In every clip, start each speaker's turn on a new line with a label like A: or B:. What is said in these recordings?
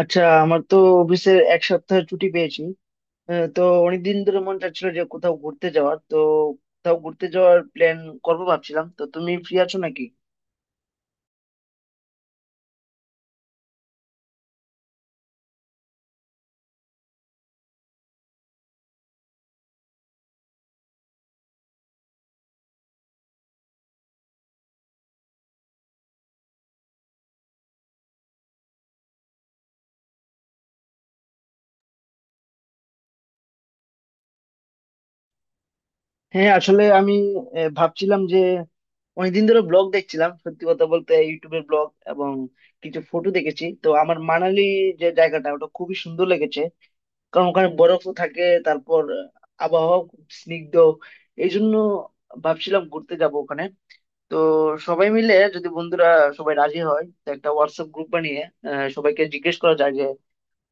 A: আচ্ছা, আমার তো অফিসের 1 সপ্তাহ ছুটি পেয়েছি। তো অনেকদিন ধরে মন চাচ্ছিল যে কোথাও ঘুরতে যাওয়ার, তো কোথাও ঘুরতে যাওয়ার প্ল্যান করবো ভাবছিলাম। তো তুমি ফ্রি আছো নাকি? হ্যাঁ, আসলে আমি ভাবছিলাম যে অনেকদিন ধরে ব্লগ দেখছিলাম, সত্যি কথা বলতে ইউটিউবের ব্লগ, এবং কিছু ফটো দেখেছি। তো আমার মানালি যে জায়গাটা ওটা খুবই সুন্দর লেগেছে, কারণ ওখানে বরফও থাকে, তারপর আবহাওয়া খুব স্নিগ্ধ। এই জন্য ভাবছিলাম ঘুরতে যাব ওখানে। তো সবাই মিলে, যদি বন্ধুরা সবাই রাজি হয়, তো একটা হোয়াটসঅ্যাপ গ্রুপ বানিয়ে সবাইকে জিজ্ঞেস করা যায় যে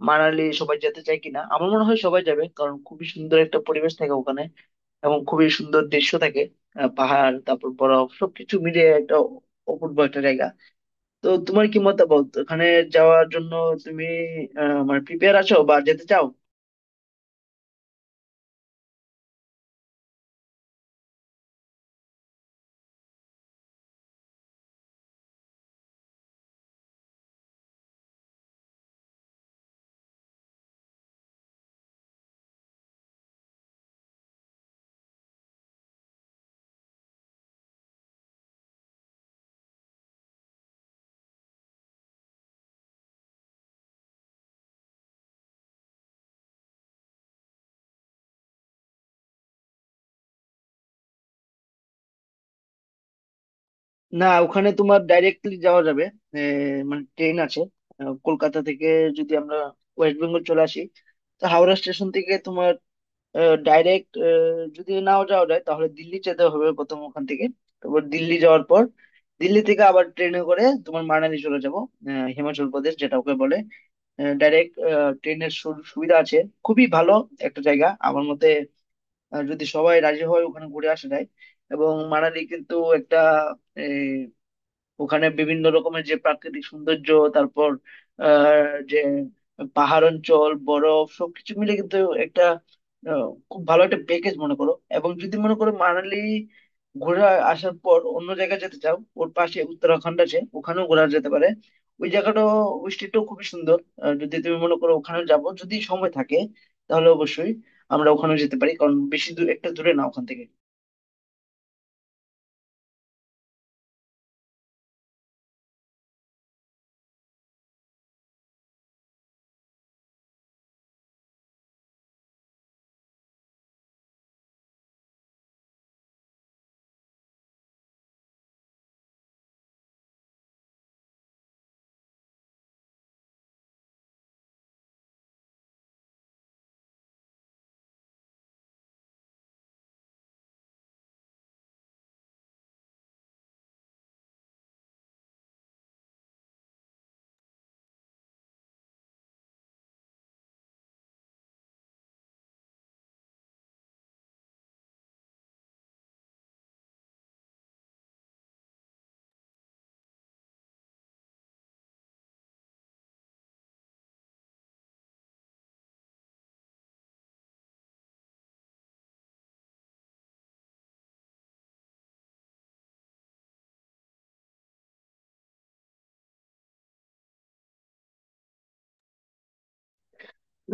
A: মানালি সবাই যেতে চায় কিনা। আমার মনে হয় সবাই যাবে, কারণ খুবই সুন্দর একটা পরিবেশ থাকে ওখানে, এবং খুবই সুন্দর দৃশ্য থাকে। পাহাড়, তারপর বরফ, সবকিছু মিলে একটা অপূর্ব একটা জায়গা। তো তোমার কি মতামত ওখানে যাওয়ার জন্য? তুমি মানে প্রিপেয়ার আছো বা যেতে চাও? না, ওখানে তোমার ডাইরেক্টলি যাওয়া যাবে। এ, মানে ট্রেন আছে। কলকাতা থেকে যদি আমরা ওয়েস্ট বেঙ্গল চলে আসি, তো হাওড়া স্টেশন থেকে তোমার ডাইরেক্ট, যদি নাও যাওয়া যায় তাহলে দিল্লি যেতে হবে প্রথম। ওখান থেকে, তারপর দিল্লি যাওয়ার পর, দিল্লি থেকে আবার ট্রেনে করে তোমার মানালি চলে যাবো। হিমাচল প্রদেশ যেটা ওকে বলে, ডাইরেক্ট ট্রেনের সুবিধা আছে। খুবই ভালো একটা জায়গা আমার মতে। যদি সবাই রাজি হয় ওখানে ঘুরে আসা যায়। এবং মানালি কিন্তু একটা, ওখানে বিভিন্ন রকমের যে প্রাকৃতিক সৌন্দর্য, তারপর যে পাহাড় অঞ্চল, বরফ, সবকিছু মিলে কিন্তু একটা আহ, খুব ভালো একটা প্যাকেজ মনে করো। এবং যদি মনে করো মানালি ঘুরে আসার পর অন্য জায়গায় যেতে চাও, ওর পাশে উত্তরাখণ্ড আছে, ওখানেও ঘোরা যেতে পারে। ওই জায়গাটাও, ওই স্টেটটাও খুবই সুন্দর। যদি তুমি মনে করো ওখানে যাবো, যদি সময় থাকে তাহলে অবশ্যই আমরা ওখানে যেতে পারি, কারণ বেশি দূর, একটা দূরে না ওখান থেকে।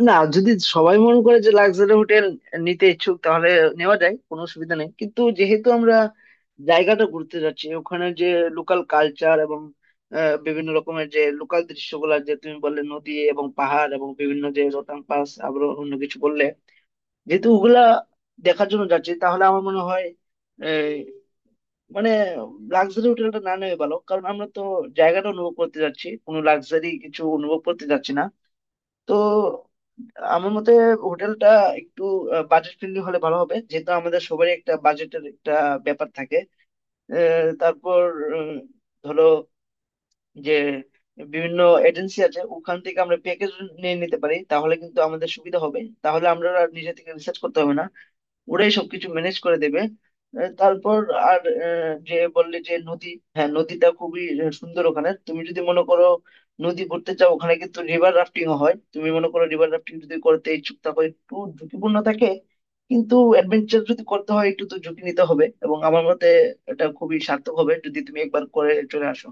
A: না, যদি সবাই মনে করে যে লাক্সারি হোটেল নিতে ইচ্ছুক তাহলে নেওয়া যায়, কোনো অসুবিধা নেই। কিন্তু যেহেতু আমরা জায়গাটা ঘুরতে যাচ্ছি, ওখানে যে লোকাল কালচার এবং বিভিন্ন রকমের যে লোকাল দৃশ্যগুলো যে তুমি বললে নদী এবং পাহাড় এবং বিভিন্ন যে রোতাং পাস আরো অন্য কিছু বললে, যেহেতু ওগুলা দেখার জন্য যাচ্ছি, তাহলে আমার মনে হয় এই, মানে লাক্সারি হোটেলটা না নেওয়া ভালো, কারণ আমরা তো জায়গাটা অনুভব করতে যাচ্ছি, কোনো লাক্সারি কিছু অনুভব করতে যাচ্ছি না। তো আমার মতে হোটেলটা একটু বাজেট ফ্রেন্ডলি হলে ভালো হবে, যেহেতু আমাদের সবারই একটা বাজেটের একটা ব্যাপার থাকে। তারপর উম, ধরো যে বিভিন্ন এজেন্সি আছে, ওখান থেকে আমরা প্যাকেজ নিয়ে নিতে পারি, তাহলে কিন্তু আমাদের সুবিধা হবে, তাহলে আমরা আর নিজে থেকে রিসার্চ করতে হবে না, ওরাই সবকিছু ম্যানেজ করে দেবে। তারপর আর যে বললে যে নদী, হ্যাঁ নদীটা খুবই সুন্দর ওখানে। তুমি যদি মনে করো নদী ঘুরতে চাও, ওখানে কিন্তু রিভার রাফটিং হয়, তুমি মনে করো রিভার রাফটিং যদি করতে ইচ্ছুক থাকো, একটু ঝুঁকিপূর্ণ থাকে, কিন্তু অ্যাডভেঞ্চার যদি করতে হয় একটু তো ঝুঁকি নিতে হবে। এবং আমার মতে এটা খুবই সার্থক হবে যদি তুমি একবার করে চলে আসো।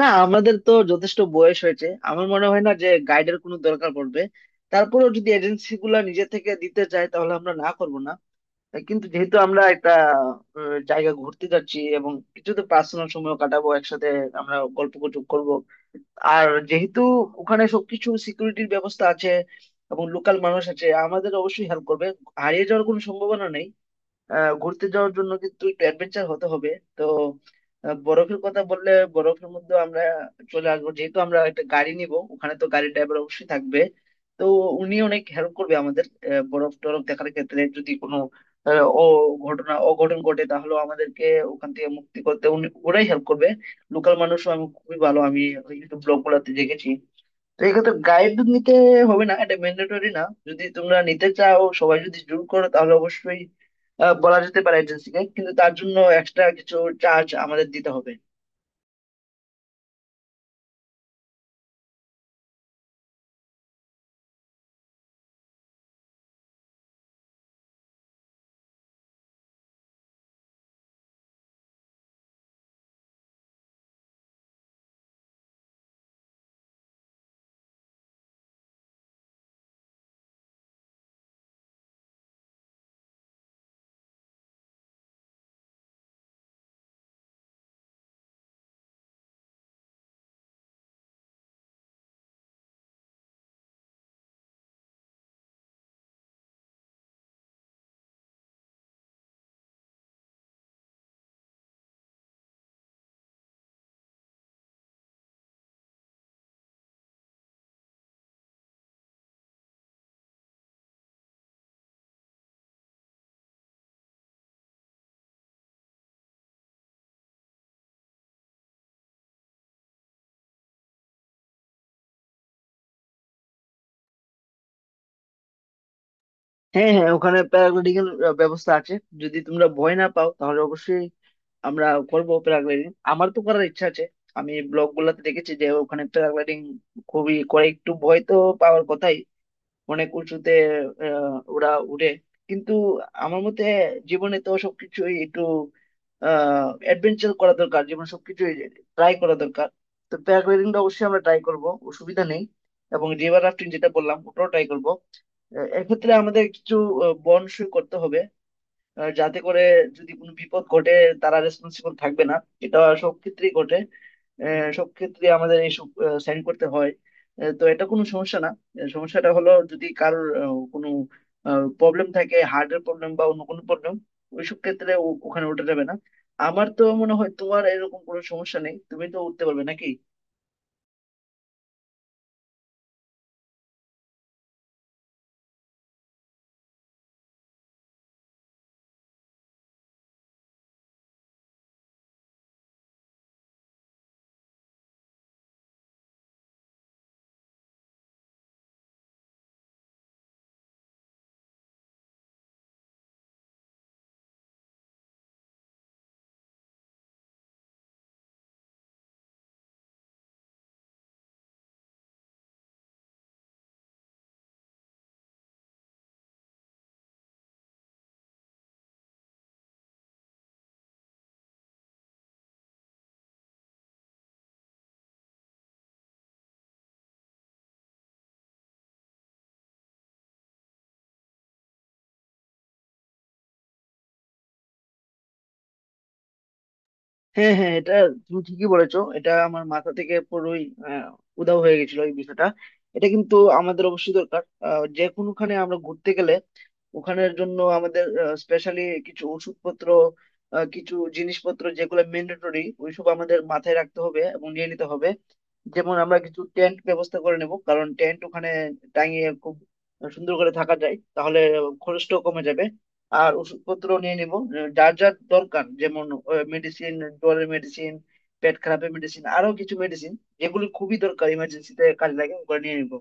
A: না, আমাদের তো যথেষ্ট বয়স হয়েছে, আমার মনে হয় না যে গাইডের কোনো দরকার পড়বে। তারপরেও যদি এজেন্সি গুলা নিজে থেকে দিতে চায় তাহলে আমরা না করব না। কিন্তু যেহেতু আমরা একটা জায়গা ঘুরতে যাচ্ছি, এবং কিছু তো পার্সোনাল সময় কাটাবো একসাথে, আমরা গল্প গুজব করবো। আর যেহেতু ওখানে সবকিছু সিকিউরিটির ব্যবস্থা আছে এবং লোকাল মানুষ আছে, আমাদের অবশ্যই হেল্প করবে, হারিয়ে যাওয়ার কোনো সম্ভাবনা নেই। ঘুরতে যাওয়ার জন্য কিন্তু একটু অ্যাডভেঞ্চার হতে হবে। তো বরফের কথা বললে, বরফের মধ্যে আমরা চলে আসবো, যেহেতু আমরা একটা গাড়ি নিব, ওখানে তো গাড়ি ড্রাইভার অবশ্যই থাকবে, তো উনি অনেক হেল্প করবে আমাদের। বরফ টরফ দেখার ক্ষেত্রে যদি কোনো আহ, ও ঘটনা অঘটন ঘটে তাহলে আমাদেরকে ওখান থেকে মুক্তি করতে উনি, ওরাই হেল্প করবে। লোকাল মানুষও আমি খুবই ভালো, আমি ইউটিউব ব্লগ গুলাতে দেখেছি। তো এক্ষেত্রে গাইড নিতে হবে না, এটা ম্যান্ডেটরি না। যদি তোমরা নিতে চাও, সবাই যদি জুম করো, তাহলে অবশ্যই বলা যেতে পারে এজেন্সিকে, কিন্তু তার জন্য এক্সট্রা কিছু চার্জ আমাদের দিতে হবে। হ্যাঁ, হ্যাঁ, ওখানে প্যারাগ্লাইডিং এর ব্যবস্থা আছে। যদি তোমরা ভয় না পাও তাহলে অবশ্যই আমরা করবো প্যারাগ্লাইডিং, আমার তো করার ইচ্ছা আছে। আমি ব্লগ গুলাতে দেখেছি যে ওখানে প্যারাগ্লাইডিং খুবই করে, একটু ভয় তো পাওয়ার কথাই, অনেক উঁচুতে ওরা উড়ে। কিন্তু আমার মতে জীবনে তো সবকিছুই একটু অ্যাডভেঞ্চার করা দরকার, জীবনে সবকিছুই ট্রাই করা দরকার। তো প্যারাগ্লাইডিংটা অবশ্যই আমরা ট্রাই করব, অসুবিধা নেই। এবং রিভার রাফটিং যেটা বললাম ওটাও ট্রাই করব। এক্ষেত্রে আমাদের কিছু বনসই করতে হবে, যাতে করে যদি কোনো বিপদ ঘটে, তারা রেসপন্সিবল থাকবে না। এটা সব ক্ষেত্রেই ঘটে। সব ক্ষেত্রে আমাদের এইসব সাইন করতে হয়। তো এটা কোনো সমস্যা না। সমস্যাটা হলো যদি কারোর কোনো প্রবলেম থাকে, হার্টের প্রবলেম বা অন্য কোনো প্রবলেম, ওইসব ক্ষেত্রে ওখানে উঠে যাবে না। আমার তো মনে হয় তোমার এরকম কোনো সমস্যা নেই, তুমি তো উঠতে পারবে নাকি? হ্যাঁ, হ্যাঁ, এটা তুমি ঠিকই বলেছো। এটা আমার মাথা থেকে পুরোই আহ, উধাও হয়ে গেছিল, এই বিষয়টা এটা কিন্তু আমাদের অবশ্যই দরকার। যে কোনোখানে আমরা ঘুরতে গেলে ওখানের জন্য আমাদের স্পেশালি কিছু ওষুধপত্র, কিছু জিনিসপত্র যেগুলো ম্যান্ডেটরি, ওইসব আমাদের মাথায় রাখতে হবে এবং নিয়ে নিতে হবে। যেমন আমরা কিছু টেন্ট ব্যবস্থা করে নেব, কারণ টেন্ট ওখানে টাঙিয়ে খুব সুন্দর করে থাকা যায়, তাহলে খরচটাও কমে যাবে। আর ওষুধপত্র নিয়ে নিব, যার যার দরকার, যেমন মেডিসিন, জ্বরের মেডিসিন, পেট খারাপের মেডিসিন, আরো কিছু মেডিসিন যেগুলো খুবই দরকার, ইমার্জেন্সিতে কাজে লাগে, ওগুলো নিয়ে নিব।